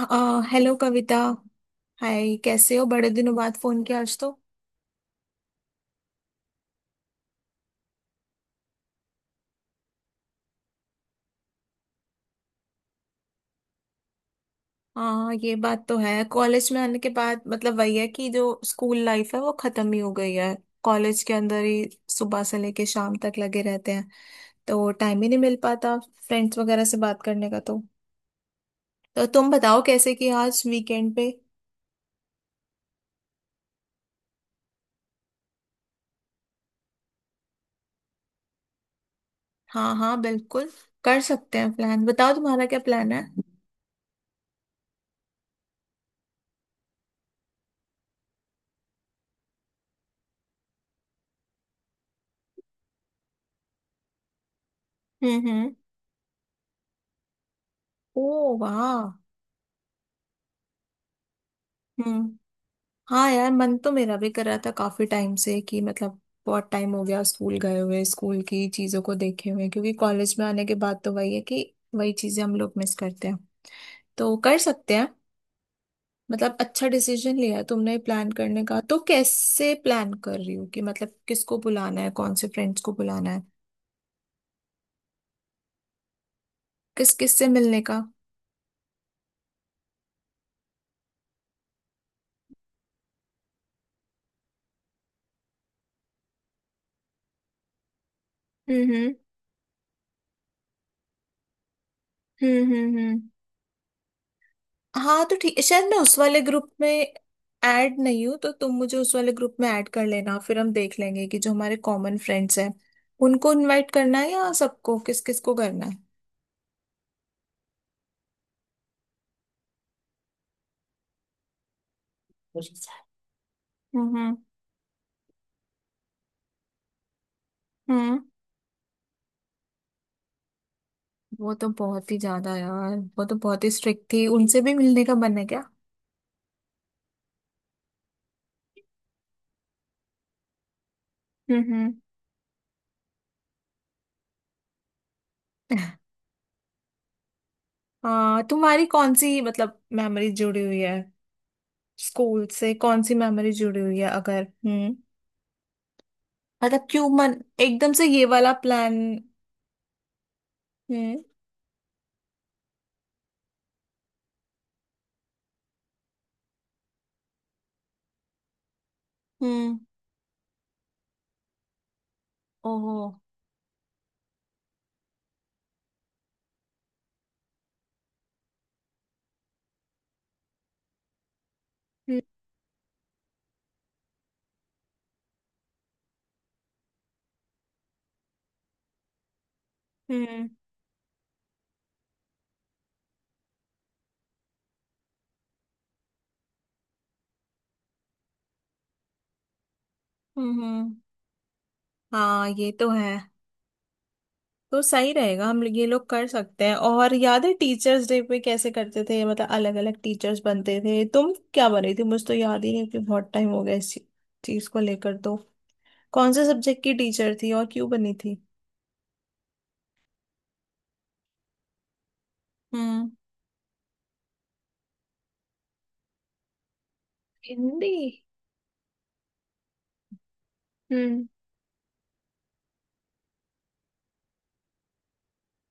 Hello Kavita. Hi कैसे हो? बड़े दिनों बाद फोन किया आज तो। हाँ ये बात तो है। कॉलेज में आने के बाद मतलब वही है कि जो स्कूल लाइफ है वो खत्म ही हो गई है कॉलेज के अंदर ही। सुबह से लेके शाम तक लगे रहते हैं तो टाइम ही नहीं मिल पाता फ्रेंड्स वगैरह से बात करने का। तो तुम बताओ कैसे कि आज वीकेंड पे। हाँ हाँ, बिल्कुल कर सकते हैं प्लान। बताओ तुम्हारा क्या प्लान है। हम्म। ओ वाह। हम्म। हाँ यार, मन तो मेरा भी कर रहा था काफी टाइम से कि मतलब बहुत टाइम हो गया स्कूल गए हुए, स्कूल की चीजों को देखे हुए, क्योंकि कॉलेज में आने के बाद तो वही है कि वही चीजें हम लोग मिस करते हैं। तो कर सकते हैं। मतलब अच्छा डिसीजन लिया है तुमने प्लान करने का। तो कैसे प्लान कर रही हो कि मतलब किसको बुलाना है, कौन से फ्रेंड्स को बुलाना है, किस किस से मिलने का। हम्म हम्म हम्म हम्म हम्म। हाँ तो ठीक। शायद मैं उस वाले ग्रुप में ऐड नहीं हूँ तो तुम मुझे उस वाले ग्रुप में ऐड कर लेना। फिर हम देख लेंगे कि जो हमारे कॉमन फ्रेंड्स हैं उनको इनवाइट करना है या सबको, किस किस को करना है। हम्म हम्म हम्म। वो तो बहुत ही ज्यादा यार, वो तो बहुत ही स्ट्रिक्ट थी। उनसे भी मिलने का मन है क्या? हम्म। हाँ, तुम्हारी कौन सी मतलब मेमोरी जुड़ी हुई है स्कूल से? कौन सी मेमोरी जुड़ी हुई है? अगर हम्म, मतलब क्यों मन एकदम से ये वाला प्लान? हम्म हम्म। ओहो। हम्म हम्म हम्म, हम्म। हाँ ये तो है। तो सही रहेगा, हम ये लोग कर सकते हैं। और याद है टीचर्स डे पे कैसे करते थे? मतलब अलग अलग टीचर्स बनते थे। तुम क्या बनी थी? मुझे तो याद ही नहीं कि बहुत टाइम हो गया इस चीज को लेकर। तो कौन से सब्जेक्ट की टीचर थी और क्यों बनी थी? हम्म। हिंदी। हम्म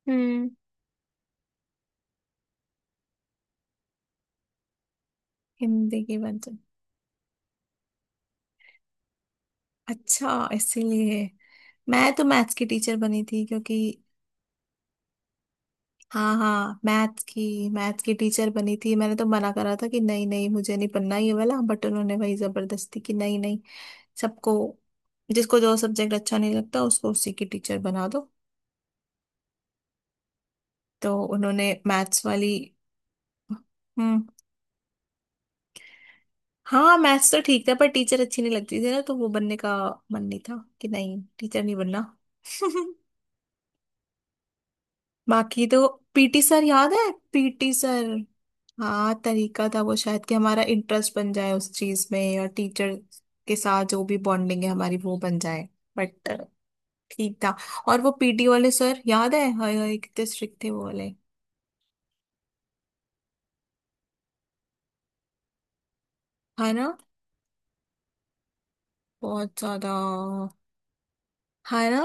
हम्म। हिंदी की बन। अच्छा, इसीलिए। मैं तो मैथ्स की टीचर बनी थी क्योंकि हाँ हाँ, मैथ की टीचर बनी थी। मैंने तो मना करा था कि नहीं नहीं, मुझे नहीं पढ़ना ये वाला, बट उन्होंने वही जबरदस्ती की। नहीं नहीं, सबको जिसको जो सब्जेक्ट अच्छा नहीं लगता उसको उसी की टीचर बना दो। तो उन्होंने मैथ्स वाली। हम्म। हाँ मैथ्स तो ठीक था, पर टीचर अच्छी नहीं लगती थी ना, तो वो बनने का मन नहीं था, कि नहीं टीचर नहीं बनना। बाकी तो पीटी सर याद है? PT sir. हाँ तरीका था वो शायद कि हमारा इंटरेस्ट बन जाए उस चीज में और टीचर के साथ जो भी बॉन्डिंग है हमारी वो बन जाए। बट ठीक था। और वो पीटी वाले सर याद है? हाय हाय कितने स्ट्रिक्ट थे वो वाले। है ना, बहुत ज्यादा। है ना,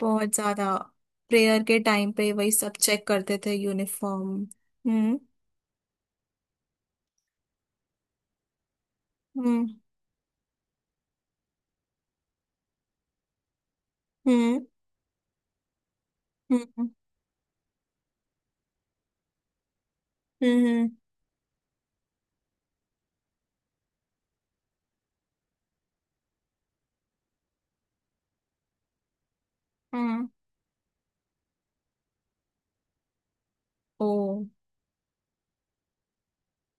बहुत ज्यादा। प्रेयर के टाइम पे वही सब चेक करते थे, यूनिफॉर्म। हम्म हम्म हम्म हम्म हम्म हम्म हम्म, ओ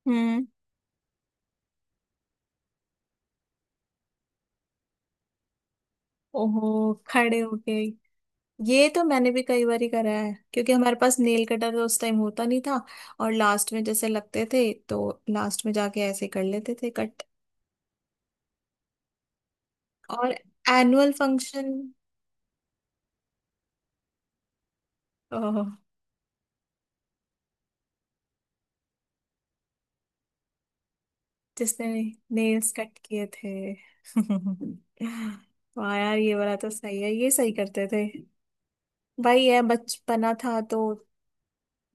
हम्म। ओहो, खड़े होके? ये तो मैंने भी कई बार ही करा है, क्योंकि हमारे पास नेल कटर तो उस टाइम होता नहीं था। और लास्ट में जैसे लगते थे तो लास्ट में जाके ऐसे कर लेते थे कट। और एनुअल फंक्शन। ओह, जिसने नेल्स कट किए थे। वाह यार, ये वाला तो सही है, ये सही करते थे। भाई ये बचपना था तो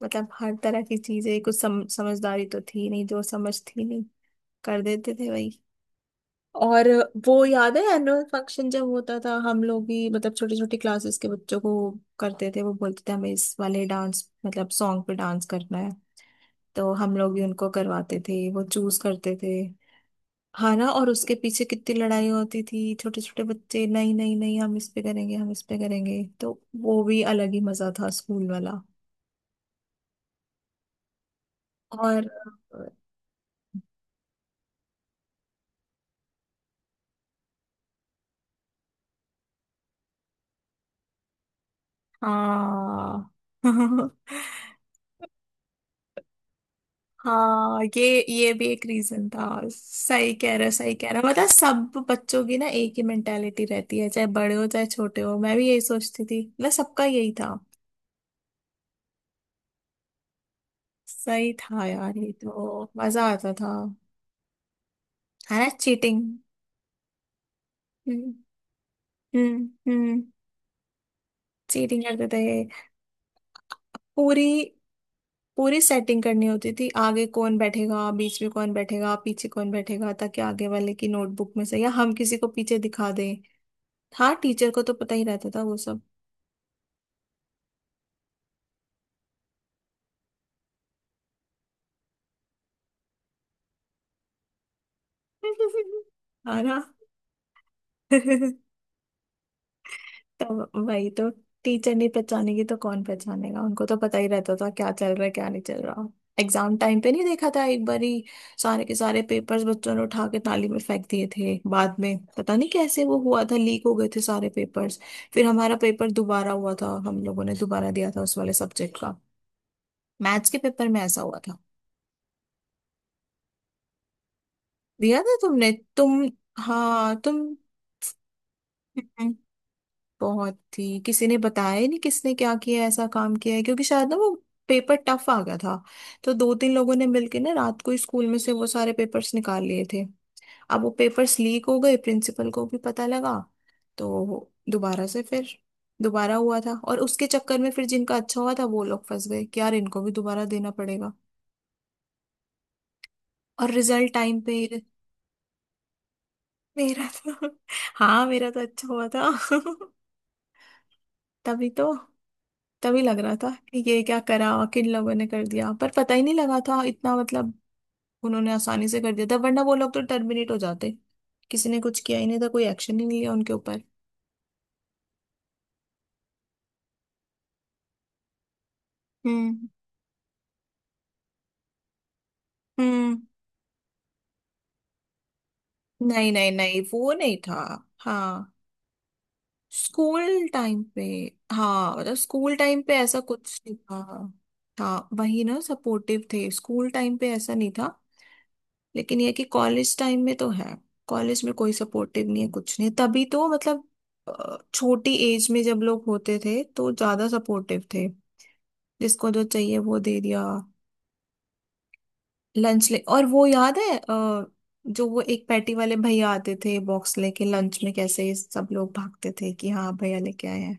मतलब हर तरह की चीजें, कुछ समझदारी तो थी नहीं, जो समझ थी नहीं कर देते थे। और वो याद है एनुअल फंक्शन जब होता था, हम लोग भी मतलब छोटी छोटी क्लासेस के बच्चों को करते थे। वो बोलते थे हमें इस वाले डांस, मतलब सॉन्ग पे डांस करना है। तो हम लोग भी उनको करवाते थे, वो चूज करते थे। हाँ ना। और उसके पीछे कितनी लड़ाई होती थी, छोटे छोटे बच्चे नहीं नहीं नहीं, हम इस पे करेंगे हम इस पे करेंगे। तो वो भी अलग ही मजा था स्कूल वाला। और हाँ। हाँ ये भी एक रीजन था। सही कह रहे हो सही कह रहे हो। मतलब सब बच्चों की ना एक ही मेंटेलिटी रहती है, चाहे बड़े हो चाहे छोटे हो। मैं भी यही सोचती थी, मतलब सबका यही था। सही था यार, ये तो मजा आता था। है ना, चीटिंग। हम्म हम्म हम्म। चीटिंग करते थे। पूरी पूरी सेटिंग करनी होती थी, आगे कौन बैठेगा, बीच में कौन बैठेगा, पीछे कौन बैठेगा, ताकि आगे वाले की नोटबुक में से या हम किसी को पीछे दिखा दें। हाँ टीचर को तो पता ही रहता था वो सब। है ना। तो वही तो, टीचर नहीं पहचानेगी तो कौन पहचानेगा? उनको तो पता ही रहता था क्या चल रहा है क्या नहीं चल रहा। एग्जाम टाइम पे नहीं देखा था एक बार ही सारे के सारे पेपर्स बच्चों ने उठा के नाली में फेंक दिए थे। बाद में पता नहीं कैसे वो हुआ था, लीक हो गए थे सारे पेपर्स। फिर हमारा पेपर दोबारा हुआ था, हम लोगों ने दोबारा दिया था उस वाले सब्जेक्ट का। मैथ्स के पेपर में ऐसा हुआ था। दिया था तुमने? तुम, हाँ तुम। बहुत ही किसी ने बताया ही नहीं किसने क्या किया, ऐसा काम किया है, क्योंकि शायद ना वो पेपर टफ आ गया था। तो दो तीन लोगों ने मिलके ना रात को ही स्कूल में से वो सारे पेपर्स निकाल लिए थे। अब वो पेपर्स लीक हो गए, प्रिंसिपल को भी पता लगा। तो दोबारा से फिर दोबारा हुआ था। और उसके चक्कर में फिर जिनका अच्छा हुआ था वो लोग फंस गए कि यार इनको भी दोबारा देना पड़ेगा। और रिजल्ट टाइम पे ही- मेरा तो हाँ मेरा तो अच्छा हुआ था। तभी तो। तभी लग रहा था कि ये क्या करा, किन लोगों ने कर दिया, पर पता ही नहीं लगा था इतना मतलब। उन्होंने आसानी से कर दिया था, वरना वो लोग तो टर्मिनेट हो जाते। किसी ने कुछ किया ही नहीं था, कोई एक्शन ही नहीं लिया उनके ऊपर। हम्म हम्म। नहीं नहीं नहीं, वो नहीं था। हाँ, स्कूल टाइम पे। हाँ मतलब स्कूल टाइम पे ऐसा कुछ नहीं था। हाँ वही ना, सपोर्टिव थे, स्कूल टाइम पे ऐसा नहीं था। लेकिन ये कि कॉलेज टाइम में तो है। कॉलेज में कोई सपोर्टिव नहीं है, कुछ नहीं है। तभी तो मतलब छोटी एज में जब लोग होते थे तो ज्यादा सपोर्टिव थे, जिसको जो चाहिए वो दे दिया, लंच ले। और वो याद है जो वो एक पैटी वाले भैया आते थे बॉक्स लेके लंच में, कैसे ये सब लोग भागते थे कि हाँ भैया लेके आए हैं।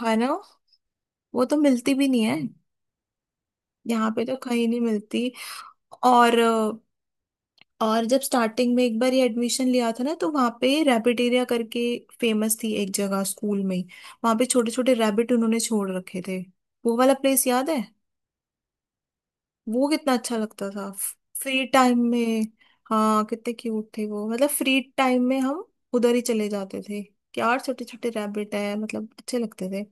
है ना? वो तो मिलती भी नहीं है, यहाँ पे तो कहीं नहीं मिलती। और और जब स्टार्टिंग में एक बार ये एडमिशन लिया था ना, तो वहाँ पे रैबिटेरिया करके फेमस थी एक जगह स्कूल में। वहाँ पे छोटे छोटे रैबिट उन्होंने छोड़ रखे थे। वो वाला प्लेस याद है? वो कितना अच्छा लगता था फ्री टाइम में। हाँ कितने क्यूट थे वो, मतलब फ्री टाइम में हम उधर ही चले जाते थे कि यार छोटे छोटे रैबिट है, मतलब अच्छे लगते थे।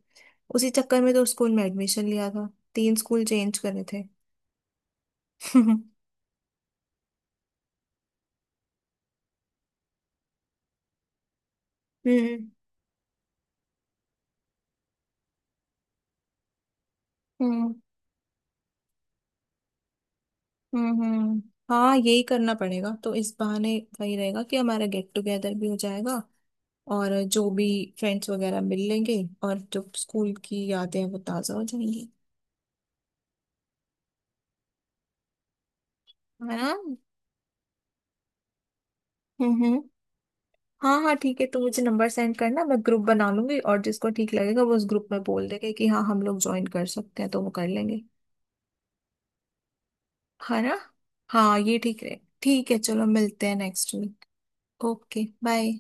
उसी चक्कर में तो स्कूल में एडमिशन लिया था। 3 स्कूल चेंज करे थे। हम्म हम्म हम्म। हाँ यही करना पड़ेगा। तो इस बहाने सही रहेगा कि हमारा गेट टुगेदर भी हो जाएगा और जो भी फ्रेंड्स वगैरह मिल लेंगे, और जो स्कूल की यादें हैं वो ताज़ा हो जाएंगी। है ना। हम्म। हाँ हाँ ठीक है, तो मुझे नंबर सेंड करना। मैं ग्रुप बना लूंगी और जिसको ठीक लगेगा वो उस ग्रुप में बोल देगा कि हाँ हम लोग ज्वाइन कर सकते हैं तो वो कर लेंगे। है ना। हाँ ये ठीक रहे। ठीक है, चलो मिलते हैं नेक्स्ट वीक। Okay, bye.